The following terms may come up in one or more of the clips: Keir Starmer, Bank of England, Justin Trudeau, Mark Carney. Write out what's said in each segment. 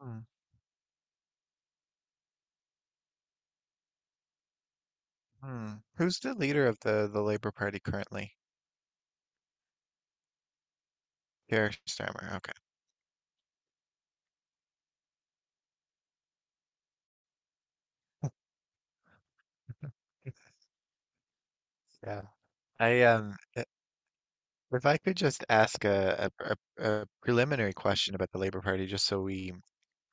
Hmm. Hmm. Who's the leader of the Labour Party currently? Keir Starmer. Okay. Yeah. I um. i- If I could just ask a preliminary question about the Labour Party, just so we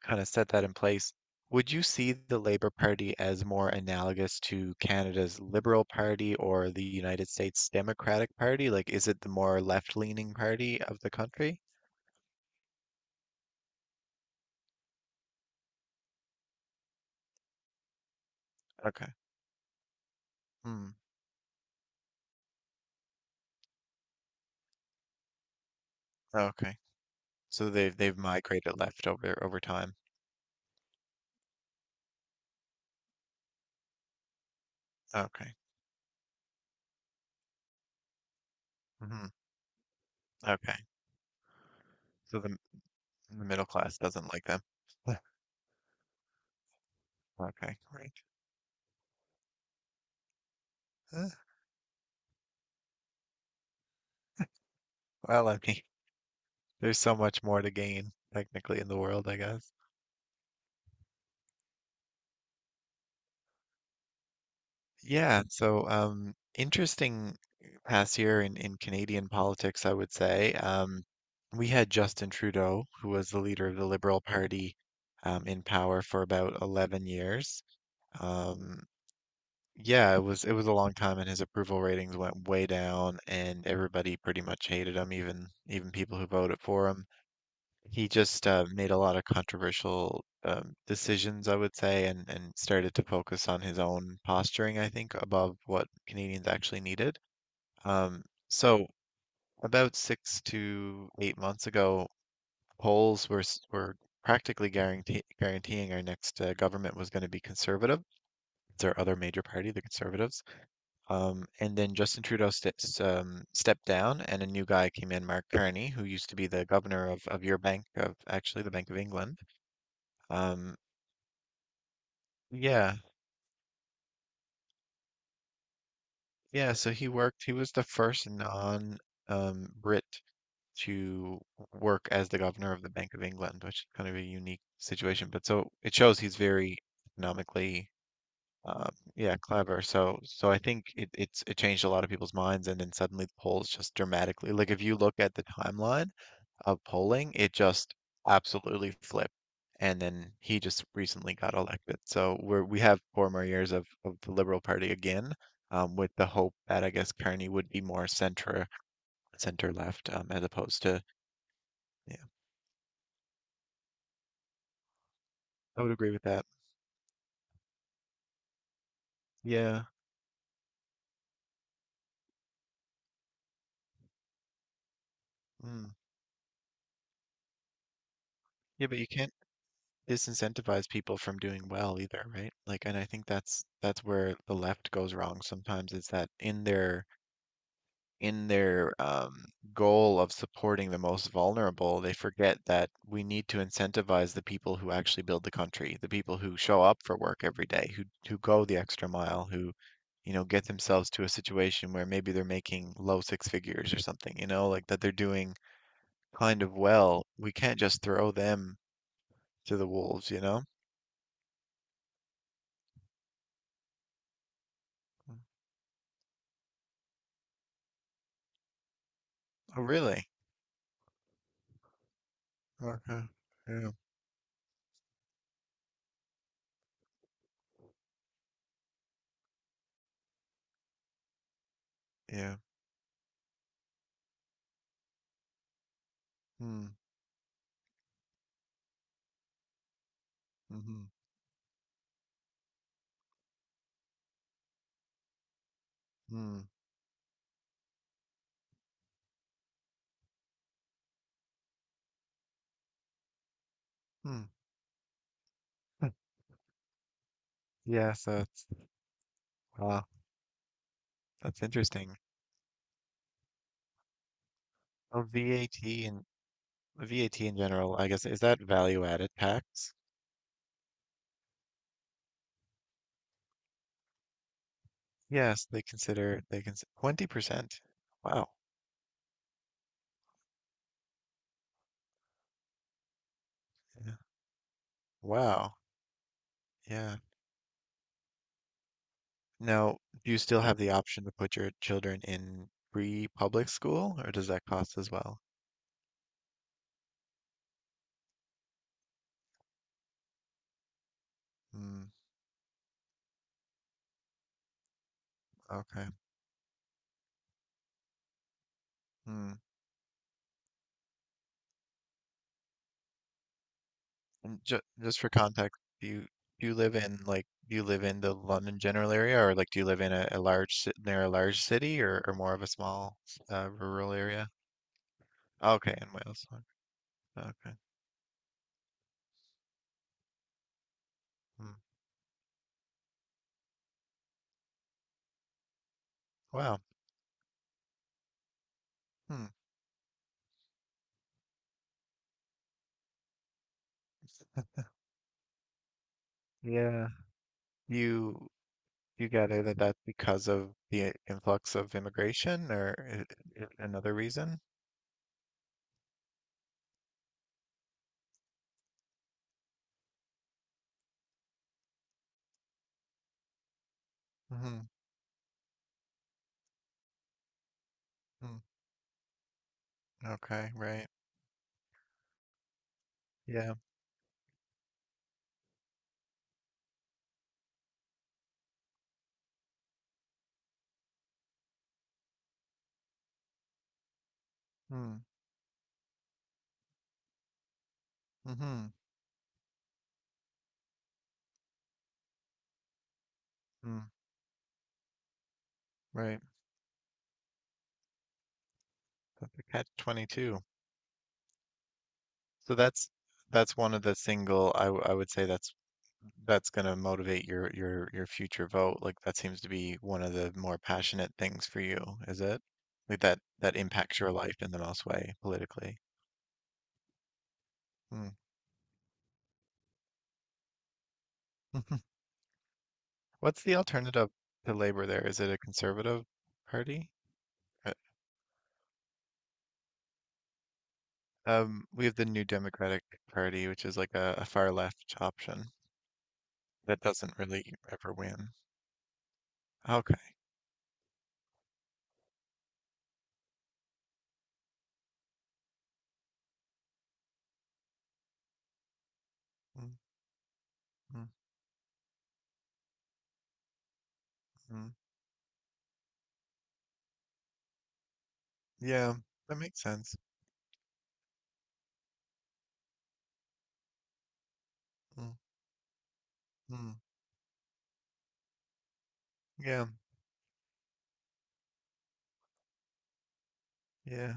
kind of set that in place, would you see the Labour Party as more analogous to Canada's Liberal Party or the United States Democratic Party? Like, is it the more left-leaning party of the country? Okay. Hmm. Okay. So they've migrated left over time. Okay. Hmm. Okay. So the middle class doesn't like them. Okay, great. Uh, Well, I mean, there's so much more to gain technically in the world, I guess. Yeah, so interesting past year in Canadian politics, I would say. We had Justin Trudeau, who was the leader of the Liberal Party, in power for about 11 years. Um, yeah, it was a long time, and his approval ratings went way down, and everybody pretty much hated him, even people who voted for him. He just made a lot of controversial decisions, I would say, and started to focus on his own posturing, I think, above what Canadians actually needed. So about 6 to 8 months ago, polls were practically guaranteeing our next government was going to be conservative. It's our other major party, the Conservatives. And then Justin Trudeau steps stepped down, and a new guy came in, Mark Carney, who used to be the governor of your bank, of actually the Bank of England. Um, yeah, yeah. So he worked. He was the first Brit to work as the governor of the Bank of England, which is kind of a unique situation. But so it shows he's very economically, um, yeah, clever. So I think it changed a lot of people's minds, and then suddenly the polls just dramatically. Like if you look at the timeline of polling, it just absolutely flipped. And then he just recently got elected. So we have 4 more years of the Liberal Party again, with the hope that I guess Carney would be more center left, as opposed to. Yeah, I would agree with that. Yeah. Mm. Yeah, but you can't disincentivize people from doing well either, right? Like, and I think that's where the left goes wrong sometimes is that in their goal of supporting the most vulnerable, they forget that we need to incentivize the people who actually build the country, the people who show up for work every day, who go the extra mile, who, get themselves to a situation where maybe they're making low six figures or something, like that they're doing kind of well. We can't just throw them to the wolves, you know? Mm. Oh, really? Okay. Yeah. Yeah. Hmm. Mm-hmm. Hmm. Hmm. Yes, that's wow. That's interesting. Oh, VAT and VAT in general, I guess, is that value added tax? Yes, they consider 20%. Wow. Yeah. Wow. Yeah. Now, do you still have the option to put your children in free public school, or does that cost as well? Hmm. Okay. Hmm. Ju just for context, do you live in like do you live in the London general area, or like do you live in a near a large city, or more of a small rural area? Okay, in Wales. Okay. Hmm. Wow. Hmm. Yeah. You you got out of that. That's because of the influx of immigration or another reason? Hmm. Mm. Okay, right. Yeah. Hmm. Mm-hmm. Mm. Right. That's a catch 22. So that's one of the I would say that's going to motivate your future vote. Like that seems to be one of the more passionate things for you, is it? Like that impacts your life in the most way politically. Mm. What's the alternative to Labor there? Is it a conservative party? Uh, we have the New Democratic Party, which is like a far left option that doesn't really ever win. Okay. Mm, mm, mm. Yeah, that makes sense. Mm, mm. Yeah, yeah.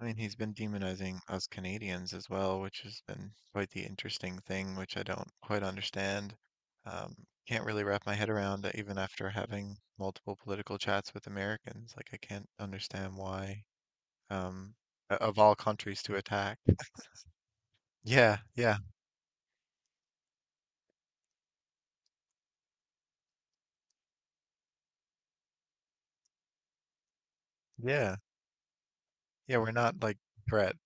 I mean, he's been demonizing us Canadians as well, which has been quite the interesting thing, which I don't quite understand. Um, can't really wrap my head around that even after having multiple political chats with Americans. Like, I can't understand why, um, of all countries to attack. Yeah, yeah, yeah, yeah, we're not like threat.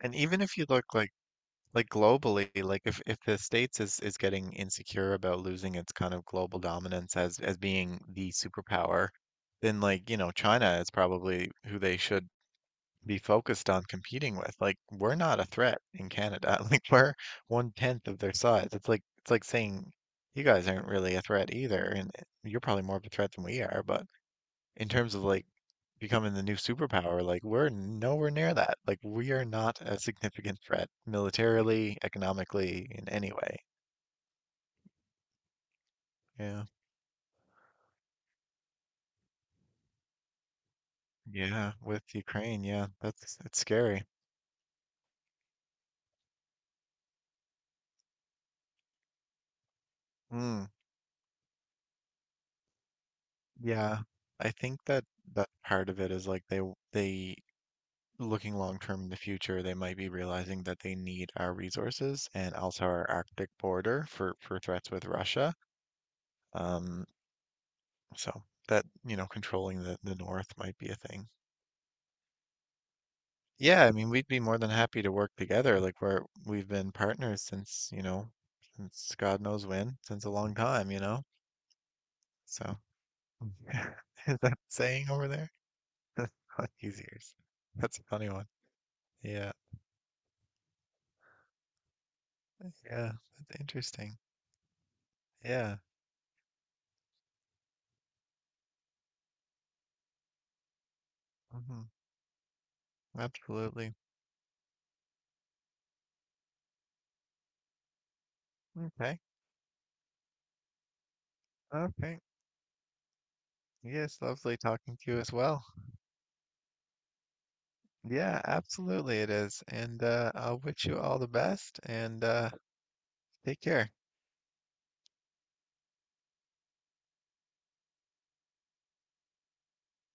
And even if you look like globally, like if the States is getting insecure about losing its kind of global dominance as being the superpower, then like, China is probably who they should be focused on competing with. Like we're not a threat in Canada. Like we're one tenth of their size. It's like saying you guys aren't really a threat either, and you're probably more of a threat than we are, but in terms of like becoming the new superpower, like we're nowhere near that. Like we are not a significant threat militarily, economically, in any way. Yeah. Yeah, with Ukraine, yeah, that's it's scary. Mm, yeah. I think that part of it is like they looking long term in the future, they might be realizing that they need our resources and also our Arctic border for threats with Russia. Um, so that, controlling the north might be a thing. Yeah, I mean, we'd be more than happy to work together. Like we've been partners since, since God knows when, since a long time. So is that saying over there? On These years. That's a funny one. Yeah, yeah, that's interesting. Yeah. Hmm. Absolutely. Okay, okay. Yes, lovely talking to you as well. Yeah, absolutely it is. And I'll wish you all the best and take care.